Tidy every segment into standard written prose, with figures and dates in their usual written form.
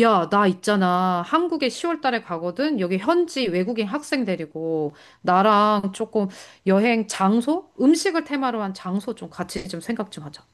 야, 나 있잖아. 한국에 10월 달에 가거든. 여기 현지 외국인 학생 데리고 나랑 조금 여행 장소, 음식을 테마로 한 장소 좀 같이 좀 생각 좀 하자.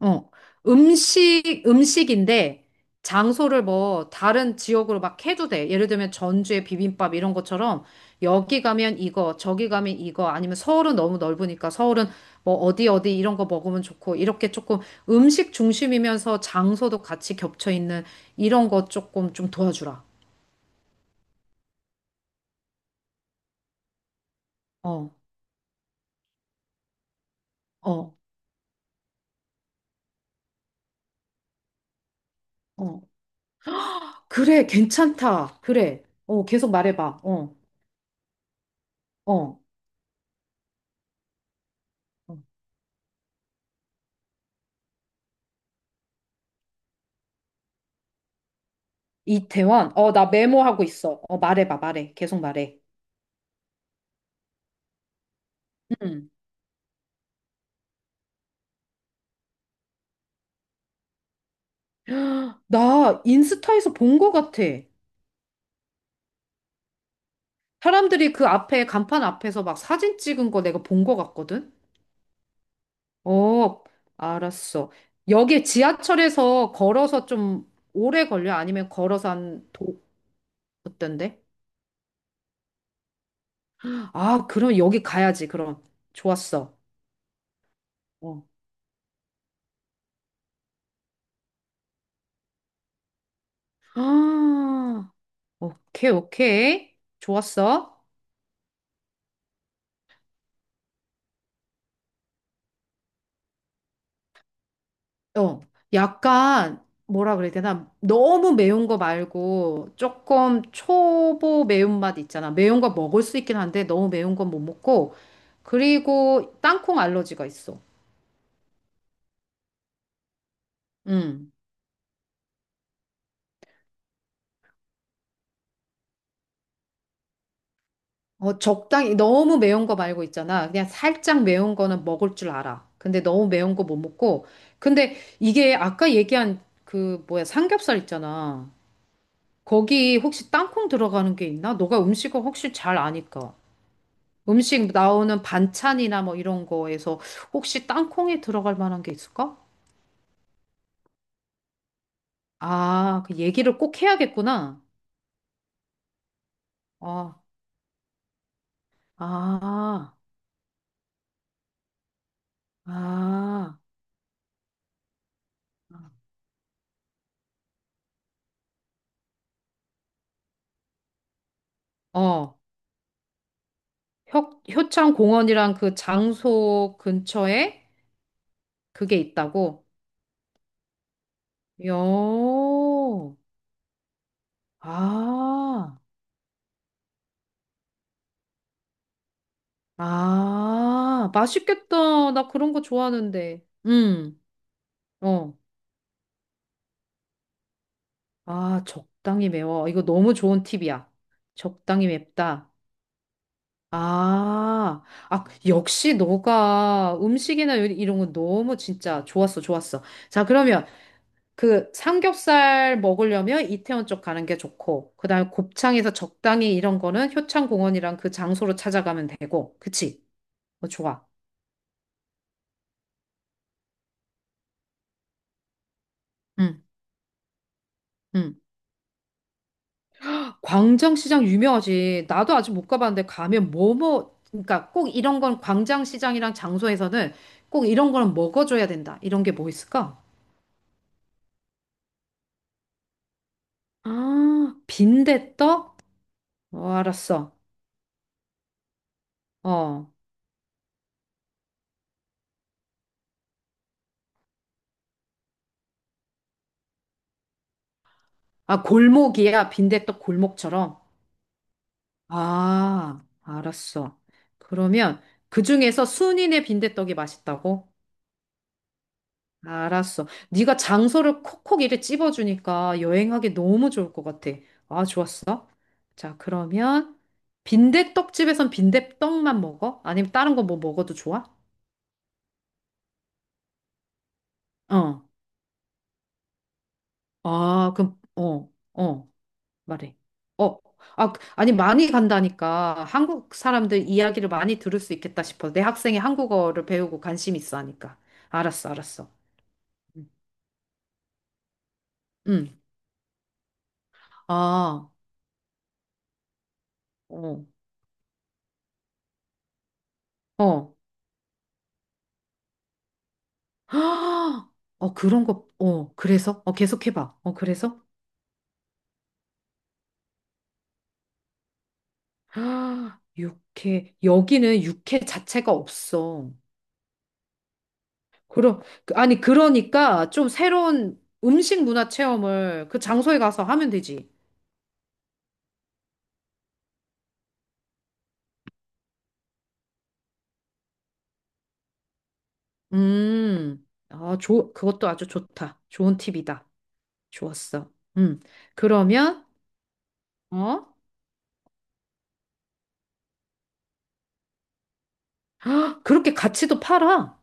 어, 음식인데 장소를 뭐 다른 지역으로 막 해도 돼. 예를 들면 전주의 비빔밥 이런 것처럼 여기 가면 이거, 저기 가면 이거, 아니면 서울은 너무 넓으니까 서울은 뭐 어디 어디 이런 거 먹으면 좋고 이렇게 조금 음식 중심이면서 장소도 같이 겹쳐 있는 이런 거 조금 좀 도와주라. 어, 어, 어. 그래, 괜찮다. 그래. 어, 계속 말해봐. 어, 어. 어. 이태원? 어, 나 메모하고 있어. 어, 말해봐, 말해. 계속 말해. 응. 나 인스타에서 본 거 같아. 사람들이 그 앞에, 간판 앞에서 막 사진 찍은 거 내가 본 거 같거든? 어, 알았어. 여기 지하철에서 걸어서 좀 오래 걸려? 아니면 걸어서 한 도, 어떤데? 아, 그럼 여기 가야지, 그럼. 좋았어. 어. 아, 오케이, 오케이. 좋았어. 어, 약간 뭐라 그래야 되나? 너무 매운 거 말고 조금 초보 매운맛 있잖아. 매운 거 먹을 수 있긴 한데 너무 매운 건 못 먹고. 그리고 땅콩 알러지가 있어. 음. 어, 적당히 너무 매운 거 말고 있잖아. 그냥 살짝 매운 거는 먹을 줄 알아. 근데 너무 매운 거 못 먹고. 근데 이게 아까 얘기한 그 뭐야 삼겹살 있잖아. 거기 혹시 땅콩 들어가는 게 있나? 너가 음식을 혹시 잘 아니까. 음식 나오는 반찬이나 뭐 이런 거에서 혹시 땅콩이 들어갈 만한 게 있을까? 아, 그 얘기를 꼭 해야겠구나. 어, 아, 아, 어, 효창 공원이랑 그 장소 근처에 그게 있다고? 요, 아, 아, 맛있겠다. 나 그런 거 좋아하는데. 어, 아, 적당히 매워. 이거 너무 좋은 팁이야. 적당히 맵다. 아, 아, 역시 너가 음식이나 요리 이런 거 너무 진짜 좋았어, 좋았어. 자, 그러면 그 삼겹살 먹으려면 이태원 쪽 가는 게 좋고, 그 다음에 곱창에서 적당히 이런 거는 효창공원이랑 그 장소로 찾아가면 되고, 그치? 어, 좋아. 응, 응. 광장시장 유명하지. 나도 아직 못 가봤는데 가면 뭐뭐, 그러니까 꼭 이런 건 광장시장이랑 장소에서는 꼭 이런 거는 먹어줘야 된다. 이런 게 뭐 있을까? 아, 빈대떡? 어, 알았어. 어. 아, 골목이야. 빈대떡 골목처럼. 아, 알았어. 그러면 그 중에서 순이네 빈대떡이 맛있다고? 알았어. 네가 장소를 콕콕 이렇게 찝어주니까 여행하기 너무 좋을 것 같아. 아, 좋았어. 자, 그러면 빈대떡집에선 빈대떡만 먹어? 아니면 다른 거 뭐 먹어도 좋아? 어. 아, 그럼, 어, 어. 말해. 어, 아, 그, 아니, 많이 간다니까. 한국 사람들 이야기를 많이 들을 수 있겠다 싶어. 내 학생이 한국어를 배우고 관심 있어 하니까. 알았어, 알았어. 응. 응. 아, 어, 어. 헉! 어, 그런 거, 어, 그래서? 어, 계속 해봐. 어, 그래서? 아, 육회, 여기는 육회 자체가 없어. 그러, 아니, 그러니까 좀 새로운 음식 문화 체험을 그 장소에 가서 하면 되지. 아, 좋, 그것도 아주 좋다. 좋은 팁이다. 좋았어. 그러면, 어? 그렇게 같이도 팔아.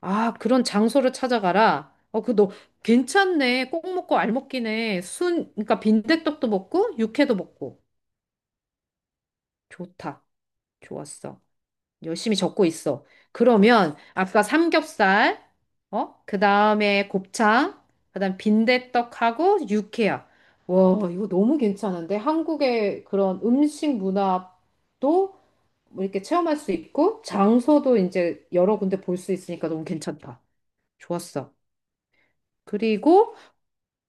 아, 그런 장소를 찾아가라. 어, 그, 너, 괜찮네. 꼭 먹고 알 먹기네. 순, 그러니까 빈대떡도 먹고, 육회도 먹고. 좋다. 좋았어. 열심히 적고 있어. 그러면 아까 삼겹살, 어? 그 다음에 곱창, 그 다음 빈대떡하고 육회야. 와, 이거 너무 괜찮은데? 한국의 그런 음식 문화도 뭐 이렇게 체험할 수 있고, 장소도 이제 여러 군데 볼 수 있으니까 너무 괜찮다. 좋았어. 그리고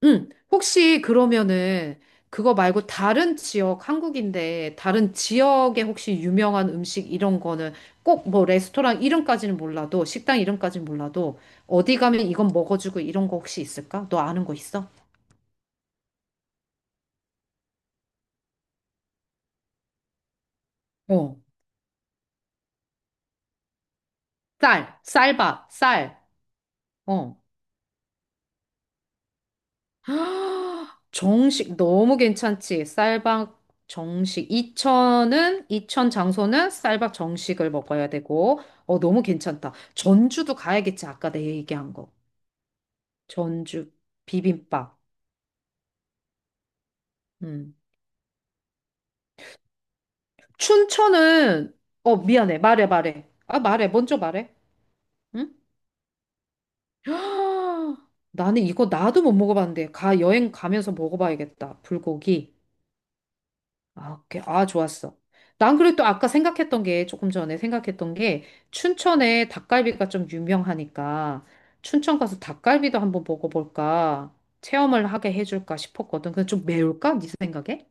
응, 혹시 그러면은 그거 말고 다른 지역, 한국인데 다른 지역에 혹시 유명한 음식 이런 거는 꼭 뭐 레스토랑 이름까지는 몰라도 식당 이름까지는 몰라도 어디 가면 이건 먹어주고 이런 거 혹시 있을까? 너 아는 거 있어? 어. 쌀밥, 쌀. 어. 헉, 정식 너무 괜찮지? 쌀밥 정식 이천은 이천 장소는 쌀밥 정식을 먹어야 되고 어 너무 괜찮다. 전주도 가야겠지. 아까 내 얘기한 거. 전주 비빔밥. 음. 춘천은 어 미안해. 말해 말해. 아 말해. 먼저 말해. 응? 헉, 나는 이거 나도 못 먹어봤는데 가 여행 가면서 먹어봐야겠다. 불고기. 아, 오케이. 아, 좋았어. 난 그래도 또 아까 생각했던 게, 조금 전에 생각했던 게, 춘천에 닭갈비가 좀 유명하니까, 춘천 가서 닭갈비도 한번 먹어볼까, 체험을 하게 해줄까 싶었거든. 근데 좀 매울까? 네 생각에?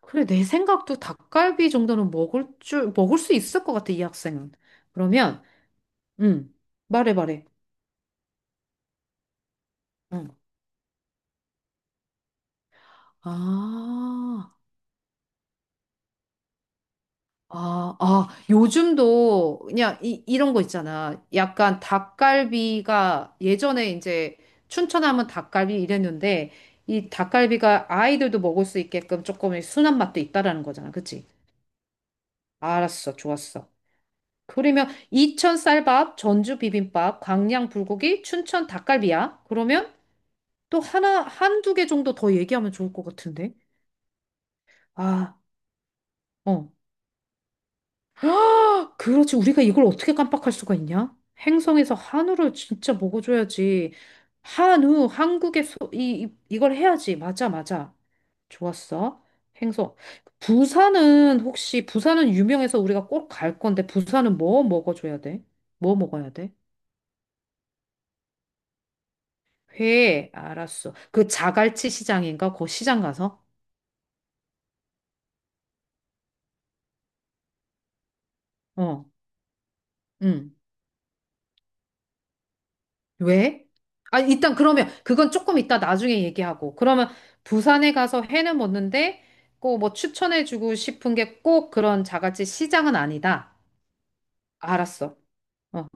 그래, 내 생각도 닭갈비 정도는 먹을 수 있을 것 같아, 이 학생은. 그러면, 음, 말해, 말해. 응. 아. 아, 아, 요즘도 그냥 이런 거 있잖아. 약간 닭갈비가 예전에 이제 춘천 하면 닭갈비 이랬는데 이 닭갈비가 아이들도 먹을 수 있게끔 조금 순한 맛도 있다라는 거잖아. 그치? 알았어. 좋았어. 그러면 이천 쌀밥, 전주 비빔밥, 광양 불고기, 춘천 닭갈비야. 그러면 또 하나, 한두 개 정도 더 얘기하면 좋을 것 같은데. 아, 어. 아, 그렇지. 우리가 이걸 어떻게 깜빡할 수가 있냐? 행성에서 한우를 진짜 먹어줘야지. 한우, 한국의 소, 이걸 해야지. 맞아, 맞아. 좋았어. 행성. 부산은 혹시, 부산은 유명해서 우리가 꼭 갈 건데, 부산은 뭐 먹어줘야 돼? 뭐 먹어야 돼? 회, 알았어. 그 자갈치 시장인가? 그 시장 가서? 어, 응. 왜? 아, 일단 그러면 그건 조금 이따 나중에 얘기하고. 그러면 부산에 가서 회는 먹는데 꼭 뭐 추천해주고 싶은 게 꼭 그런 자갈치 시장은 아니다. 알았어. 어.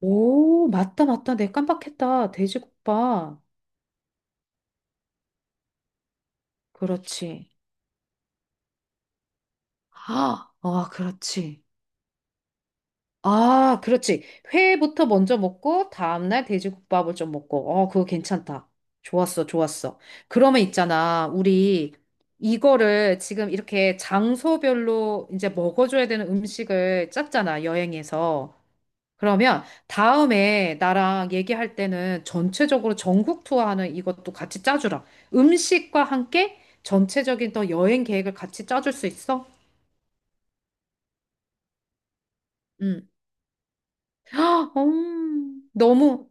오, 맞다, 맞다. 내가 깜빡했다. 돼지국밥. 그렇지. 아, 아, 그렇지. 아, 그렇지. 회부터 먼저 먹고, 다음날 돼지국밥을 좀 먹고. 어, 그거 괜찮다. 좋았어, 좋았어. 그러면 있잖아. 우리 이거를 지금 이렇게 장소별로 이제 먹어줘야 되는 음식을 짰잖아, 여행에서. 그러면 다음에 나랑 얘기할 때는 전체적으로 전국 투어하는 이것도 같이 짜주라. 음식과 함께 전체적인 또 여행 계획을 같이 짜줄 수 있어? 응. 너무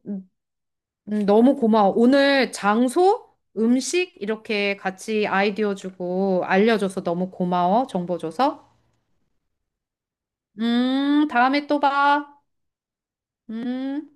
너무 고마워. 오늘 장소, 음식 이렇게 같이 아이디어 주고 알려줘서 너무 고마워. 정보 줘서. 다음에 또 봐. 음.